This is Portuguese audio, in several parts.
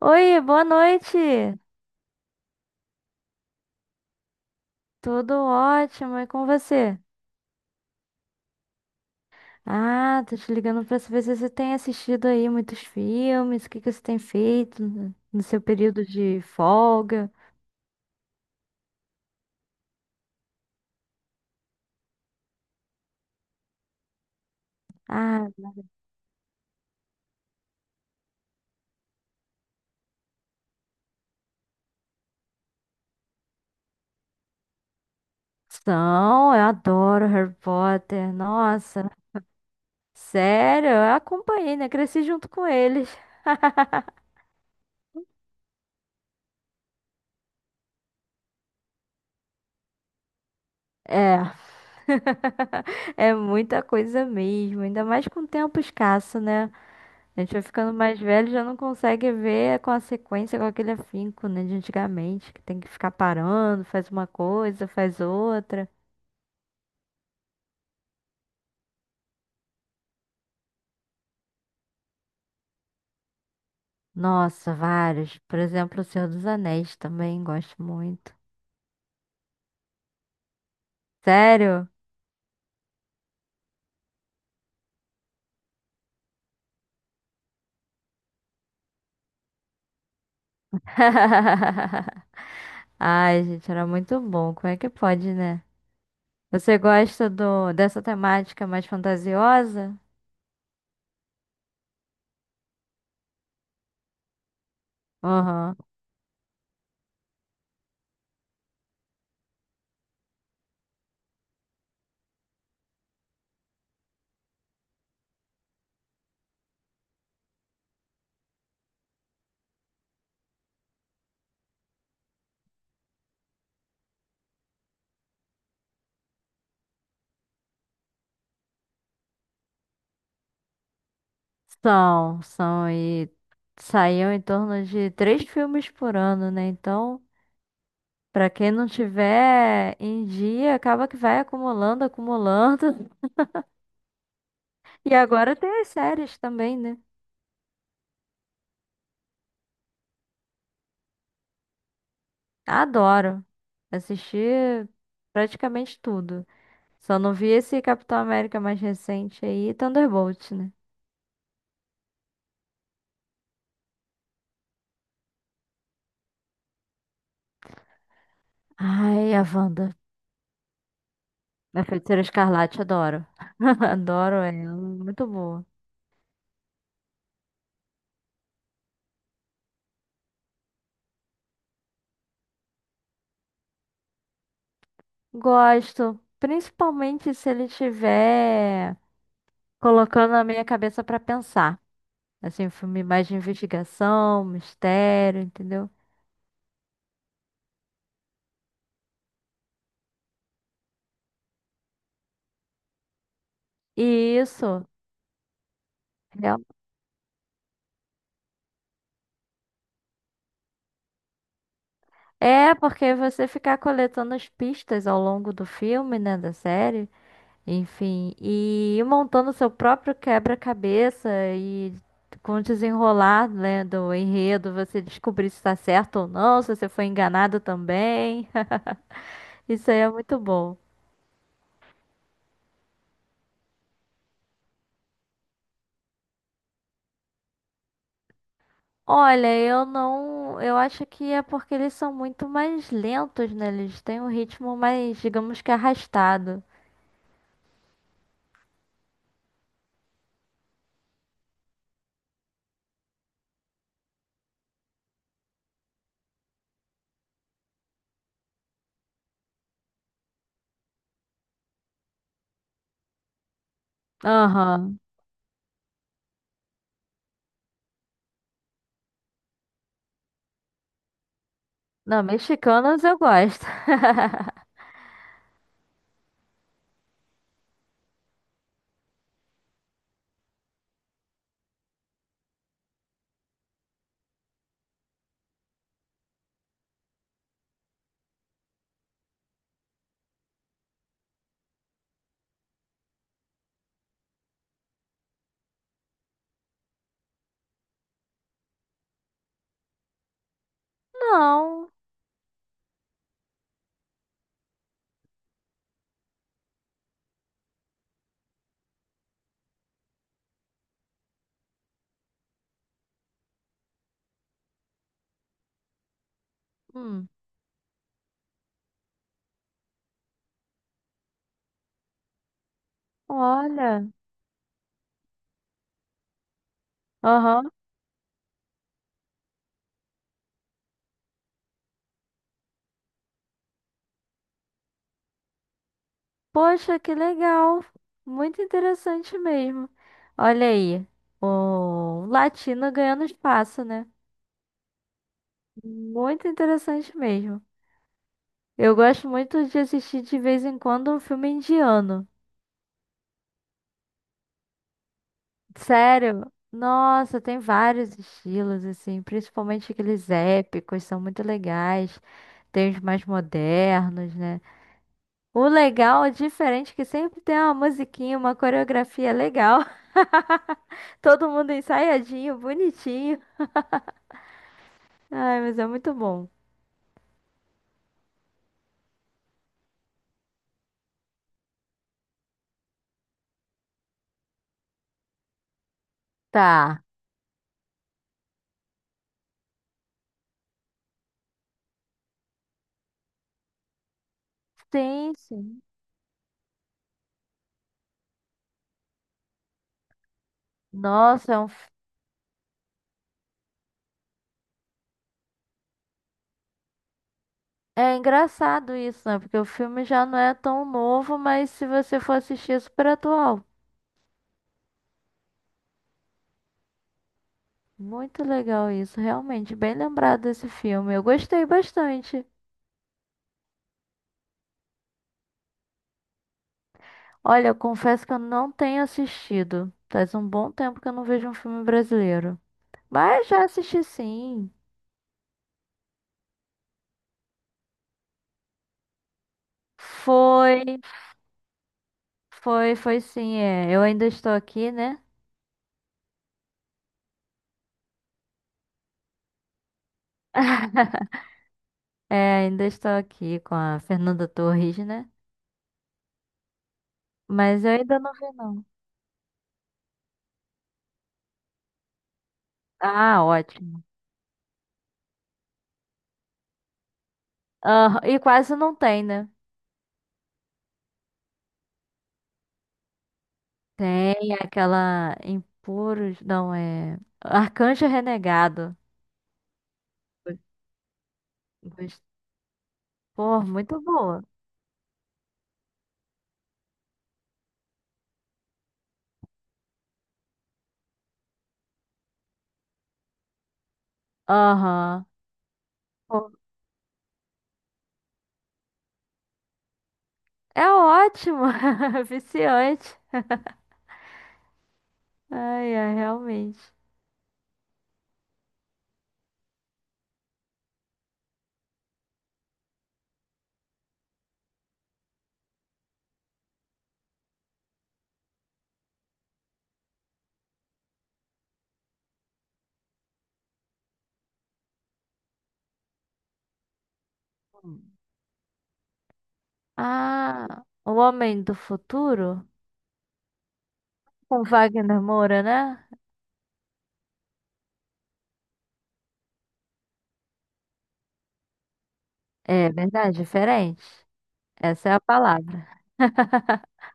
Oi, boa noite. Tudo ótimo, e com você? Ah, tô te ligando pra saber se você tem assistido aí muitos filmes, o que que você tem feito no seu período de folga. Ah, são, eu adoro Harry Potter. Nossa, sério, eu acompanhei, né? Cresci junto com eles. É. É muita coisa mesmo, ainda mais com tempo escasso, né? A gente vai ficando mais velho, e já não consegue ver com a sequência, com aquele afinco, né, de antigamente, que tem que ficar parando, faz uma coisa, faz outra. Nossa, vários. Por exemplo, O Senhor dos Anéis também gosto muito. Sério? Ai, gente, era muito bom. Como é que pode, né? Você gosta do dessa temática mais fantasiosa? Aham. São, são e saíam em torno de três filmes por ano, né? Então pra quem não tiver em dia, acaba que vai acumulando, acumulando. E agora tem as séries também, né? Adoro assistir praticamente tudo. Só não vi esse Capitão América mais recente aí, Thunderbolt, né? Ai, a Wanda. A Feiticeira Escarlate, adoro. Adoro ela, muito boa. Gosto, principalmente se ele tiver colocando a minha cabeça pra pensar. Assim, um filme mais de investigação, mistério, entendeu? E isso. real- É, porque você ficar coletando as pistas ao longo do filme, né, da série, enfim, e ir montando seu próprio quebra-cabeça e com o desenrolar, né, do enredo, você descobrir se está certo ou não, se você foi enganado também. Isso aí é muito bom. Olha, eu não. Eu acho que é porque eles são muito mais lentos, né? Eles têm um ritmo mais, digamos que arrastado. Aham. Não, mexicanos eu gosto. Não. Hum. Olha. Aham. Poxa, que legal. Muito interessante mesmo. Olha aí, o latino ganhando espaço, né? Muito interessante mesmo. Eu gosto muito de assistir de vez em quando um filme indiano. Sério? Nossa, tem vários estilos, assim, principalmente aqueles épicos, são muito legais. Tem os mais modernos, né? O legal é diferente, que sempre tem uma musiquinha, uma coreografia legal. Todo mundo ensaiadinho, bonitinho. Ai, mas é muito bom. Tá. Sim, sim. Nossa, é um... é engraçado isso, né? Porque o filme já não é tão novo, mas se você for assistir, é super atual. Muito legal isso, realmente, bem lembrado desse filme. Eu gostei bastante. Olha, eu confesso que eu não tenho assistido. Faz um bom tempo que eu não vejo um filme brasileiro. Mas já assisti, sim. Foi, foi sim, é. Eu ainda estou aqui, né? É, ainda estou aqui com a Fernanda Torres, né? Mas eu ainda não vi, não. Ah, ótimo. Aham, e quase não tem, né? Tem aquela Impuros, não é. Arcanjo Renegado. Gos- gos- Pô, muito boa. Aham. Pô, é ótimo. Viciante. Ai, ai, realmente. Hum. Ah, O Homem do Futuro? Com Wagner Moura, né? É verdade, diferente. Essa é a palavra.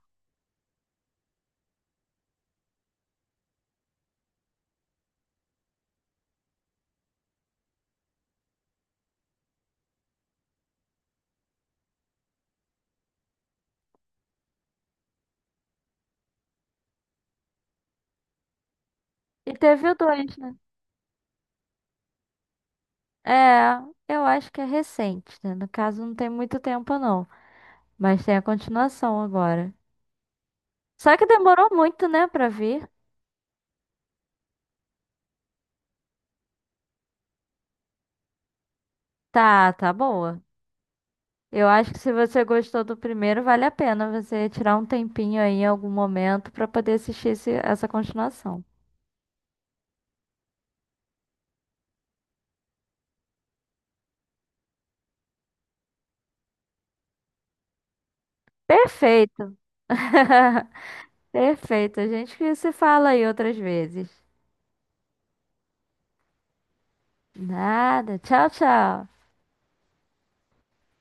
E teve o dois, né? É, eu acho que é recente, né? No caso, não tem muito tempo, não. Mas tem a continuação agora. Só que demorou muito, né, pra vir. Tá, tá boa. Eu acho que se você gostou do primeiro, vale a pena você tirar um tempinho aí em algum momento pra poder assistir essa continuação. Perfeito. Perfeito. A gente que se fala aí outras vezes. Nada. Tchau, tchau.